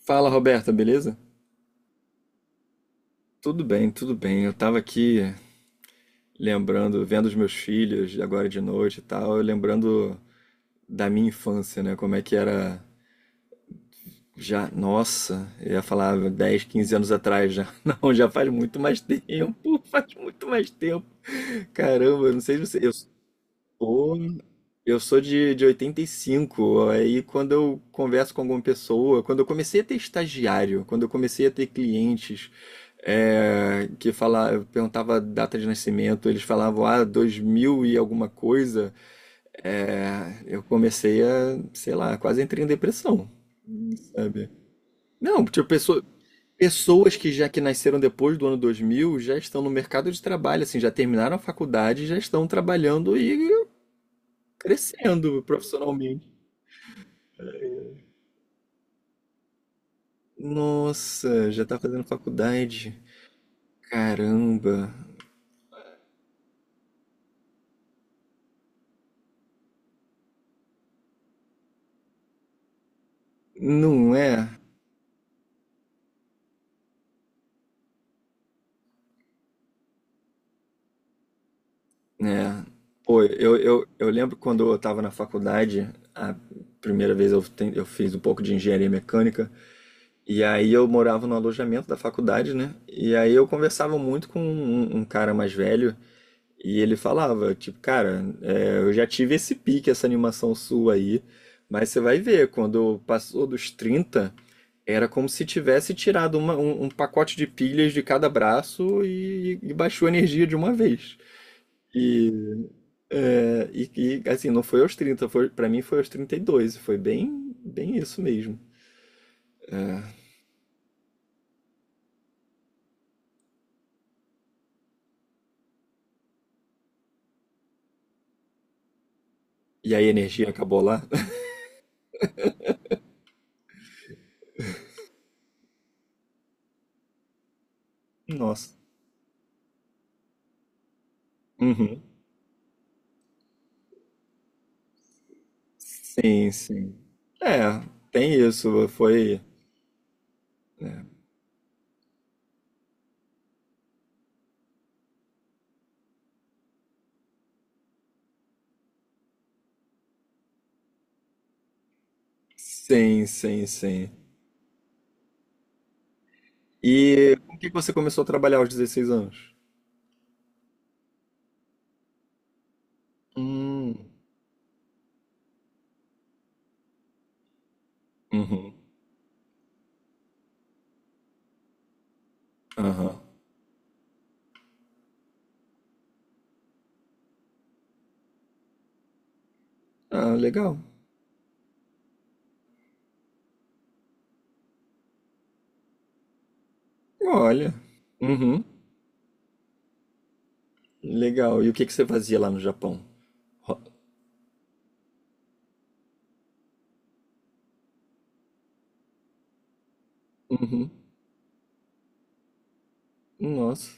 Fala, Roberta, beleza? Tudo bem, tudo bem. Eu tava aqui lembrando, vendo os meus filhos agora de noite e tal, eu lembrando da minha infância, né? Como é que era já, nossa, eu ia falar 10, 15 anos atrás já. Não, já faz muito mais tempo, faz muito mais tempo. Caramba, eu não sei se você, eu. Ou eu sou de 85, aí quando eu converso com alguma pessoa, quando eu comecei a ter estagiário, quando eu comecei a ter clientes, é, que fala, eu perguntava a data de nascimento, eles falavam, ah, 2000 e alguma coisa. É, eu comecei a, sei lá, quase entrei em depressão, sabe? Não, tipo, pessoas que já que nasceram depois do ano 2000 já estão no mercado de trabalho, assim, já terminaram a faculdade, já estão trabalhando e crescendo profissionalmente. Nossa, já tá fazendo faculdade. Caramba, não é? Né? Pô, eu lembro quando eu tava na faculdade, a primeira vez eu fiz um pouco de engenharia mecânica, e aí eu morava no alojamento da faculdade, né? E aí eu conversava muito com um cara mais velho, e ele falava, tipo, cara, é, eu já tive esse pique, essa animação sua aí, mas você vai ver, quando passou dos 30. Era como se tivesse tirado um pacote de pilhas de cada braço e baixou a energia de uma vez. E, é, e- e, assim, não foi aos 30, para mim foi aos 32. Foi bem, bem isso mesmo. E aí a energia acabou lá? Nossa. Uhum. Sim, sim. É, tem isso. Foi. Né? Sim, sim, sim. E com o que que você começou a trabalhar aos 16 anos? Hum. Uhum. Aham. Ah, legal. Olha. Uhum. Legal. E o que que você fazia lá no Japão? Ro- Uhum. Nossa.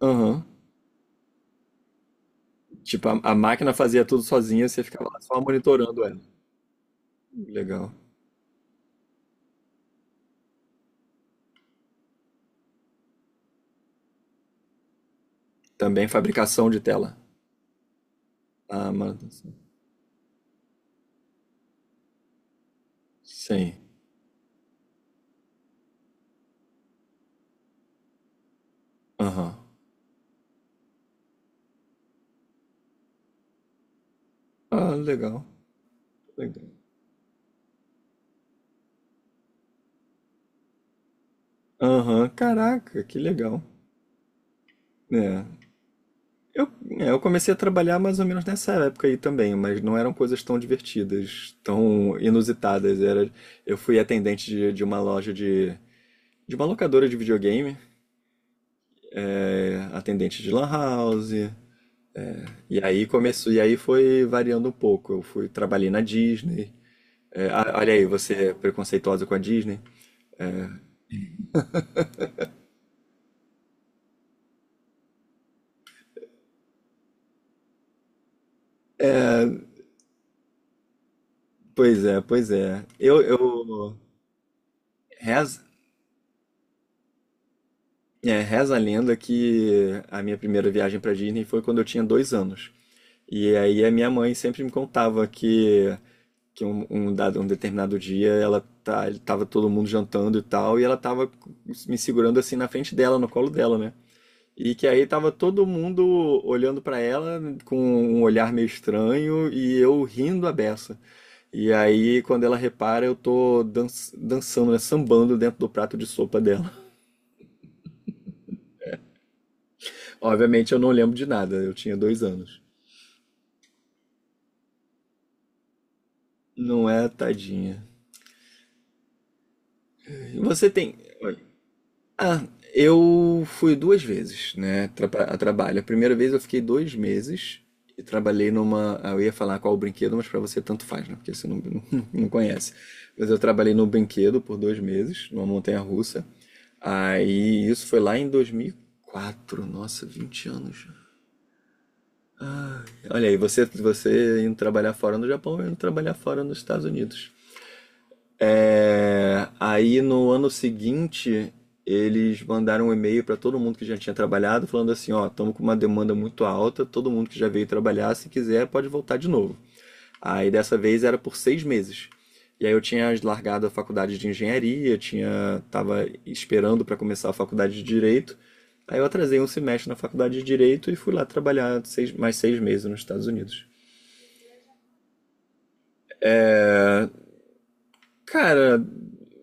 Aham. Tipo, a máquina fazia tudo sozinha, você ficava lá só monitorando ela. Legal. Também fabricação de tela. Ah, manutenção. Sim. Aham. Ah, legal. Legal. Aham. Caraca, que legal. É. Eu, eu comecei a trabalhar mais ou menos nessa época aí também, mas não eram coisas tão divertidas, tão inusitadas. Eu fui atendente de uma loja de uma locadora de videogame. Atendente de lan house. E aí começou, e aí foi variando um pouco. Eu trabalhei na Disney. É, olha aí, você é preconceituosa com a Disney. Pois é, pois é. Eu reza, reza a lenda que a minha primeira viagem para Disney foi quando eu tinha 2 anos. E aí a minha mãe sempre me contava que um determinado dia ela tava todo mundo jantando e tal, e ela tava me segurando assim na frente dela, no colo dela, né? E que aí tava todo mundo olhando pra ela com um olhar meio estranho e eu rindo a beça. E aí, quando ela repara, eu tô dançando, né, sambando dentro do prato de sopa dela. Obviamente, eu não lembro de nada, eu tinha 2 anos. Não é, tadinha. Você tem. Ah, eu fui duas vezes, né, a trabalho. A primeira vez eu fiquei 2 meses e trabalhei Eu ia falar qual o brinquedo, mas pra você tanto faz, né? Porque você não, não conhece. Mas eu trabalhei no brinquedo por 2 meses, numa montanha-russa. Aí isso foi lá em 2004. Nossa, 20 anos já. Ai, olha aí, você indo trabalhar fora no Japão, eu indo trabalhar fora nos Estados Unidos. É, aí no ano seguinte, eles mandaram um e-mail para todo mundo que já tinha trabalhado, falando assim: ó, estamos com uma demanda muito alta, todo mundo que já veio trabalhar, se quiser, pode voltar de novo. Aí dessa vez era por 6 meses. E aí eu tinha largado a faculdade de engenharia, tinha tava esperando para começar a faculdade de direito. Aí eu atrasei um semestre na faculdade de direito e fui lá trabalhar mais 6 meses nos Estados Unidos. Cara,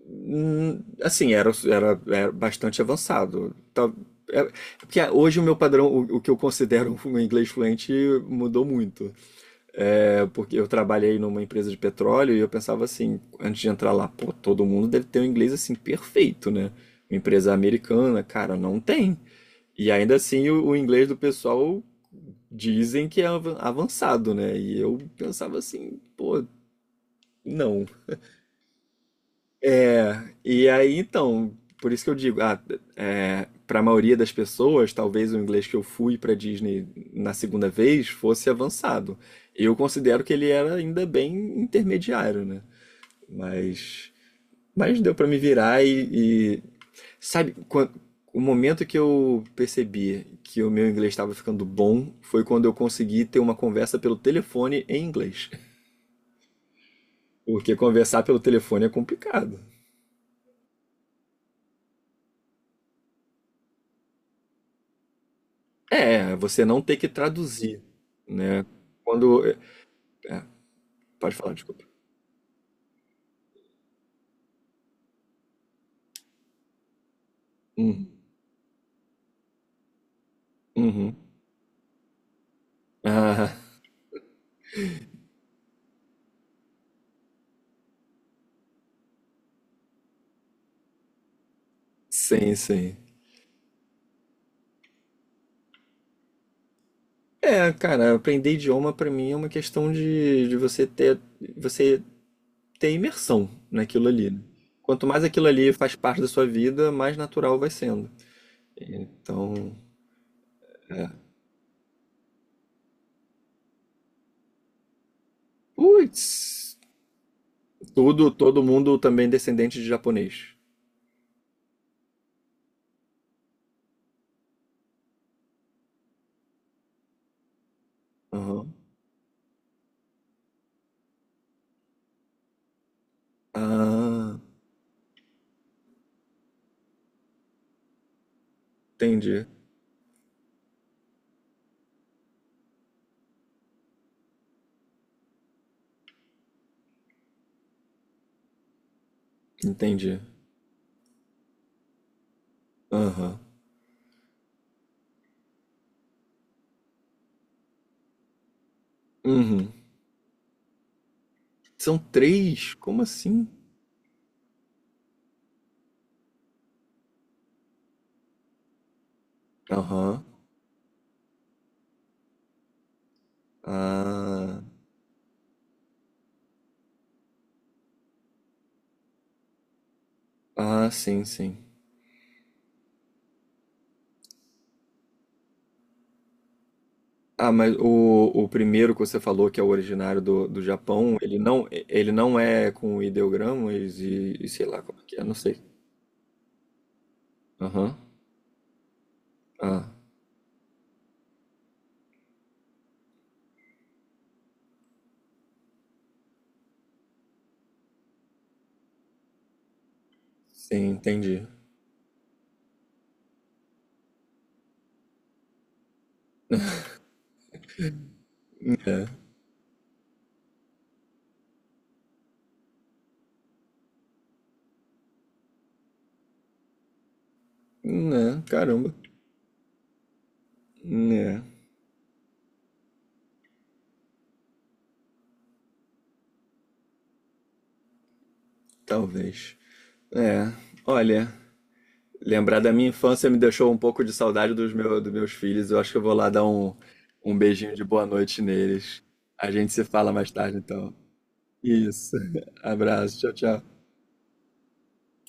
assim, era bastante avançado. É porque hoje o meu padrão, o que eu considero um inglês fluente, mudou muito. É, porque eu trabalhei numa empresa de petróleo e eu pensava assim, antes de entrar lá, pô, todo mundo deve ter um inglês assim perfeito, né? Uma empresa americana, cara, não tem. E ainda assim o inglês do pessoal dizem que é avançado, né? E eu pensava assim, pô, não. E aí, então, por isso que eu digo, para a maioria das pessoas, talvez o inglês que eu fui para Disney na segunda vez fosse avançado. Eu considero que ele era ainda bem intermediário, né? Mas, mas deu para me virar e sabe, o momento que eu percebi que o meu inglês estava ficando bom foi quando eu consegui ter uma conversa pelo telefone em inglês. Porque conversar pelo telefone é complicado. É, você não ter que traduzir, né? Quando. É, pode falar, desculpa. Uhum. Uhum. Ah, sim, sim. É, cara, aprender idioma pra mim é uma questão de você ter imersão naquilo ali, né? Quanto mais aquilo ali faz parte da sua vida, mais natural vai sendo. Então, é. Putz, tudo, todo mundo também descendente de japonês. Aham. Ah, entendi, entendi. Aham. Uhum. São três? Como assim? Aham. Ah, ah, sim, sim. Ah, mas o primeiro que você falou, que é o originário do Japão, ele não é com ideogramas e sei lá como é que é, não sei. Aham. Ah, sim, entendi. É. Né, caramba. Né, talvez. É. Olha, lembrar da minha infância me deixou um pouco de saudade dos meus filhos. Eu acho que eu vou lá dar um beijinho de boa noite neles. A gente se fala mais tarde, então. Isso. Abraço. Tchau, tchau.